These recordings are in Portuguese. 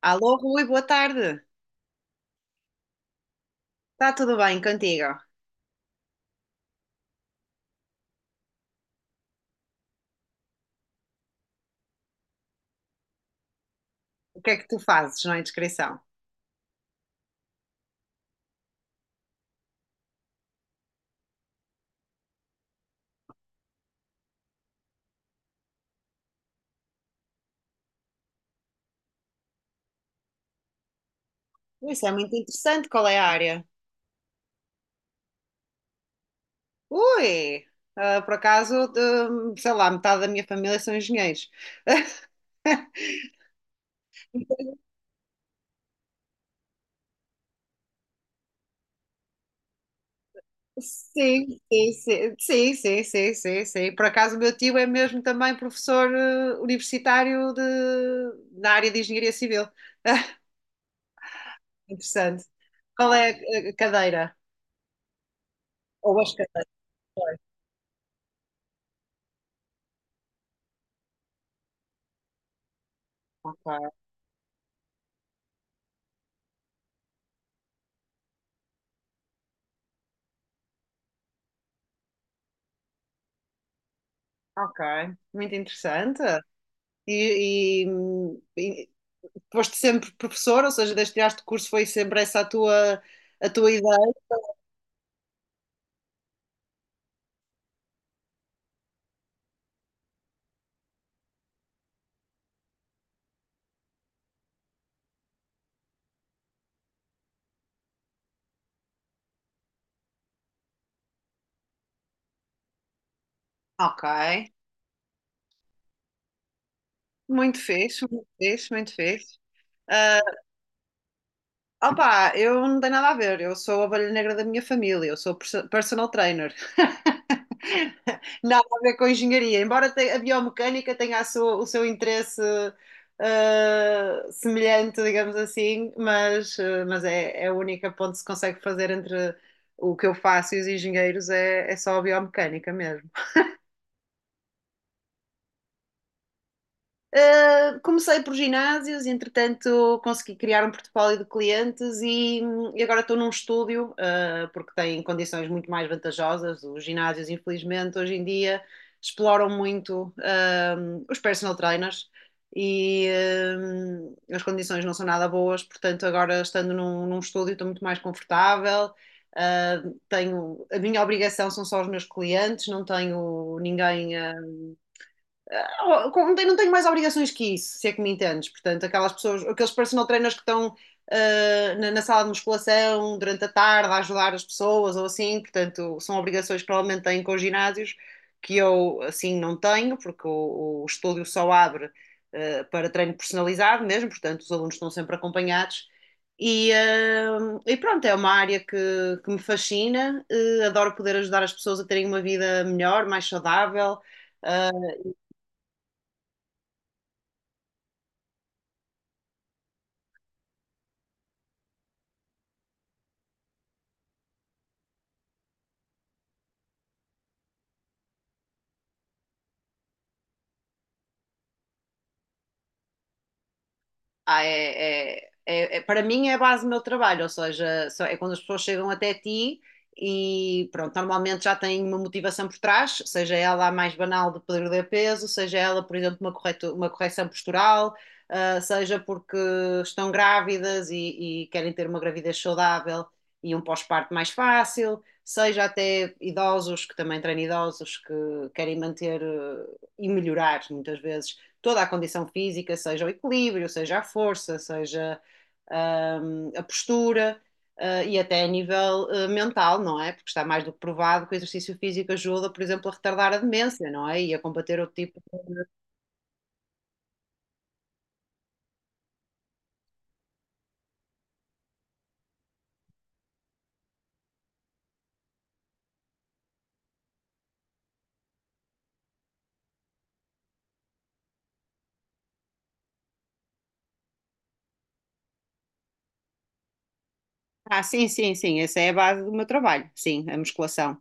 Alô, Rui, boa tarde. Está tudo bem contigo? O que é que tu fazes na inscrição? Isso é muito interessante. Qual é a área? Ui, ah, por acaso, sei lá, metade da minha família são engenheiros. Sim, sim, sim, sim, sim, sim, sim, sim. Por acaso, o meu tio é mesmo também professor universitário de, na área de engenharia civil. Interessante. Qual é a cadeira? Ou as cadeiras? Ok, ok. Muito interessante. E, e foste sempre professora, ou seja, desde que tiraste o curso foi sempre essa a tua ideia. Ok. Muito fixe, muito fixe, muito fixe. Ah, opa, eu não tenho nada a ver. Eu sou a ovelha negra da minha família. Eu sou personal trainer. Nada a ver com engenharia. Embora a biomecânica tenha o seu interesse semelhante, digamos assim, mas, mas é, é a única ponte que se consegue fazer entre o que eu faço e os engenheiros é, é só a biomecânica mesmo. Comecei por ginásios, entretanto consegui criar um portfólio de clientes e agora estou num estúdio, porque tem condições muito mais vantajosas. Os ginásios, infelizmente, hoje em dia exploram muito, os personal trainers e, as condições não são nada boas, portanto, agora estando num, num estúdio estou muito mais confortável. Tenho, a minha obrigação são só os meus clientes, não tenho ninguém a oh, não tenho mais obrigações que isso, se é que me entendes. Portanto, aquelas pessoas, aqueles personal trainers que estão na, na sala de musculação durante a tarde a ajudar as pessoas ou assim, portanto, são obrigações que provavelmente têm com os ginásios que eu assim não tenho, porque o estúdio só abre para treino personalizado mesmo, portanto, os alunos estão sempre acompanhados. E, ah, e pronto, é uma área que me fascina, adoro poder ajudar as pessoas a terem uma vida melhor, mais saudável. Ah, ah, é, para mim é a base do meu trabalho, ou seja, é quando as pessoas chegam até ti e pronto, normalmente já têm uma motivação por trás, seja ela a mais banal de perder peso, seja ela, por exemplo, uma, uma correção postural, ah, seja porque estão grávidas e querem ter uma gravidez saudável e um pós-parto mais fácil, seja até idosos, que também treino idosos que querem manter, e melhorar muitas vezes toda a condição física, seja o equilíbrio, seja a força, seja a postura e até a nível mental, não é? Porque está mais do que provado que o exercício físico ajuda, por exemplo, a retardar a demência, não é? E a combater outro tipo de... Ah, sim, sim, sim, essa é a base do meu trabalho, sim, a musculação.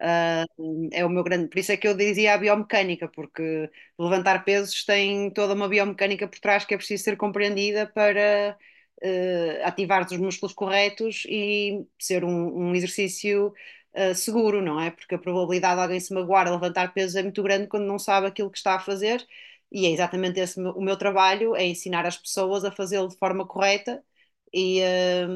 Ah, é o meu grande, por isso é que eu dizia a biomecânica, porque levantar pesos tem toda uma biomecânica por trás que é preciso ser compreendida para ativar os músculos corretos e ser um, um exercício seguro, não é? Porque a probabilidade de alguém se magoar a levantar pesos é muito grande quando não sabe aquilo que está a fazer, e é exatamente esse o meu trabalho, é ensinar as pessoas a fazê-lo de forma correta e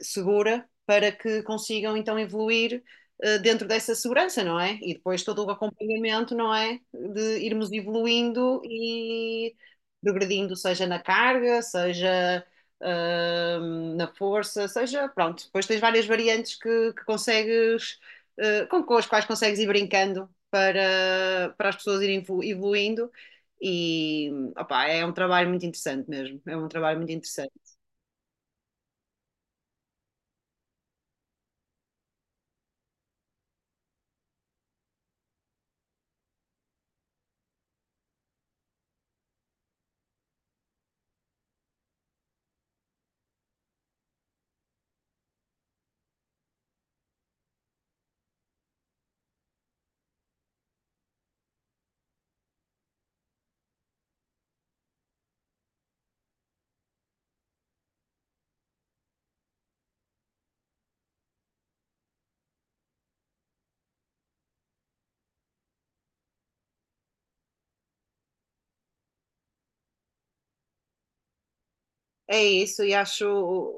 segura para que consigam então evoluir dentro dessa segurança, não é? E depois todo o acompanhamento, não é? De irmos evoluindo e progredindo, seja na carga, seja na força, seja, pronto. Depois tens várias variantes que consegues, com as quais consegues ir brincando para, para as pessoas irem evoluindo. E opa, é um trabalho muito interessante mesmo. É um trabalho muito interessante. É isso, e acho,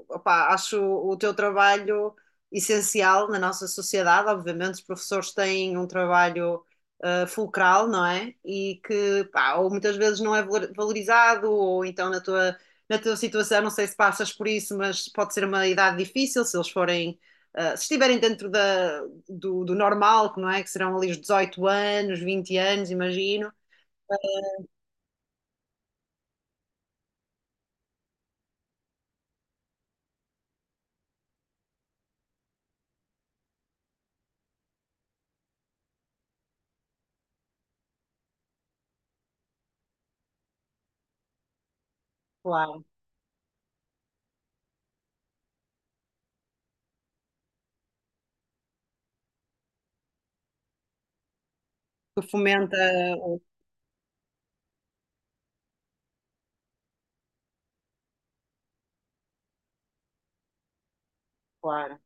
opá, acho o teu trabalho essencial na nossa sociedade. Obviamente, os professores têm um trabalho fulcral, não é? E que, pá, ou muitas vezes não é valorizado, ou então na tua situação, não sei se passas por isso, mas pode ser uma idade difícil se eles forem, se estiverem dentro da, do, do normal, que não é? Que serão ali os 18 anos, 20 anos, imagino. Claro, que fomenta, claro.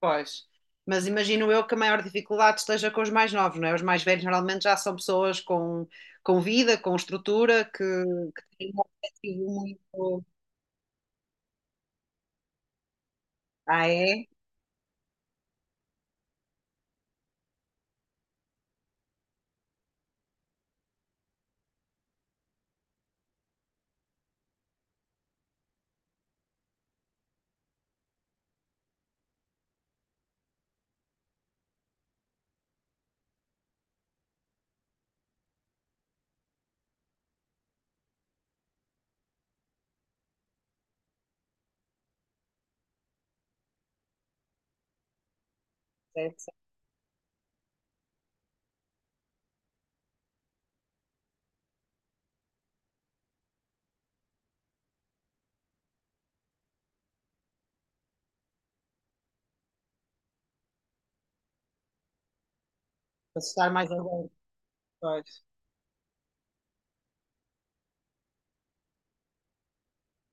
Pois. Mas imagino eu que a maior dificuldade esteja com os mais novos, não é? Os mais velhos normalmente já são pessoas com vida, com estrutura, que têm um objetivo muito. Ah, é? Deve ser assustar mais agora.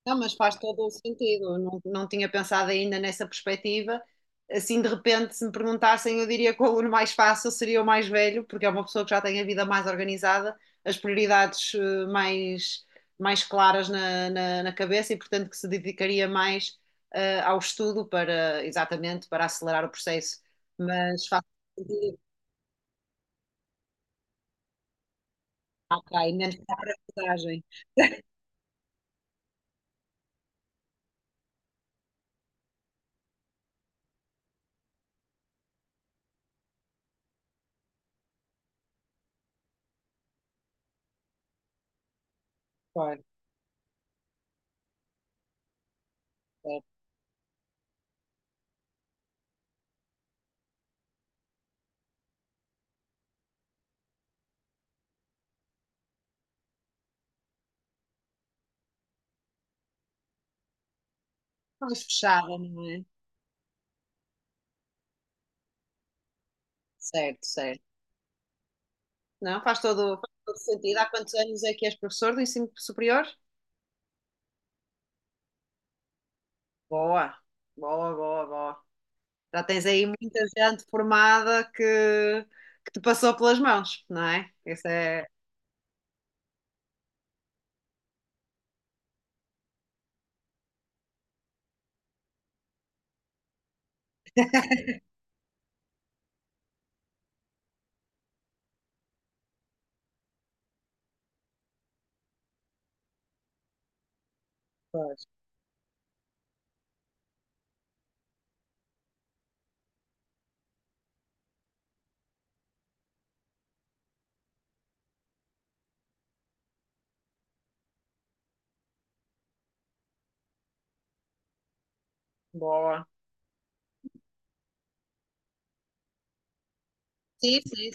Não, mas faz todo o sentido. Não, não tinha pensado ainda nessa perspectiva. Assim, de repente, se me perguntassem, eu diria que o aluno mais fácil seria o mais velho, porque é uma pessoa que já tem a vida mais organizada, as prioridades mais, mais claras na, na, na cabeça e, portanto, que se dedicaria mais ao estudo para, exatamente, para acelerar o processo. Mas faz sentido. Ok, menos para a aprendizagem. Claro, certo. Mais fechada, não é? Certo, certo. Não, faz todo sentido. Há quantos anos é que és professor do ensino superior? Boa, boa, boa, boa. Já tens aí muita gente formada que te passou pelas mãos, não é? Isso é. Pois, boa. Sim, sim,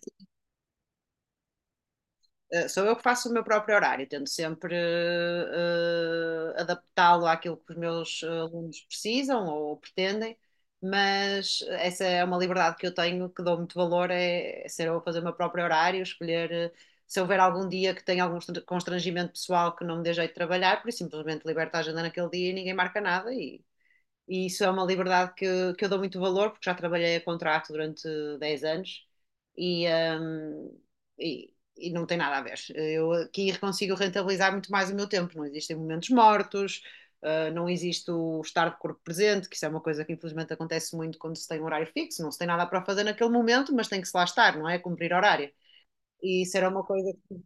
Sou eu que faço o meu próprio horário, tento sempre adaptá-lo àquilo que os meus alunos precisam ou pretendem, mas essa é uma liberdade que eu tenho, que dou muito valor, é, é ser eu a fazer o meu próprio horário, escolher. Se houver algum dia que tenha algum constrangimento pessoal que não me dê jeito de trabalhar, por isso simplesmente liberto a agenda naquele dia e ninguém marca nada e e isso é uma liberdade que eu dou muito valor, porque já trabalhei a contrato durante 10 anos e, hum, e não tem nada a ver. Eu aqui consigo rentabilizar muito mais o meu tempo. Não existem momentos mortos, não existe o estar de corpo presente, que isso é uma coisa que infelizmente acontece muito quando se tem um horário fixo. Não se tem nada para fazer naquele momento, mas tem que se lá estar, não é? Cumprir horário. E isso era uma coisa que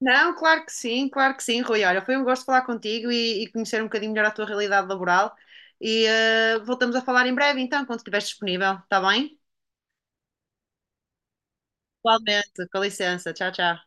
não, claro que sim, Rui. Olha, foi um gosto falar contigo e conhecer um bocadinho melhor a tua realidade laboral. E voltamos a falar em breve, então, quando estiveres disponível, está bem? Igualmente, com licença. Tchau, tchau.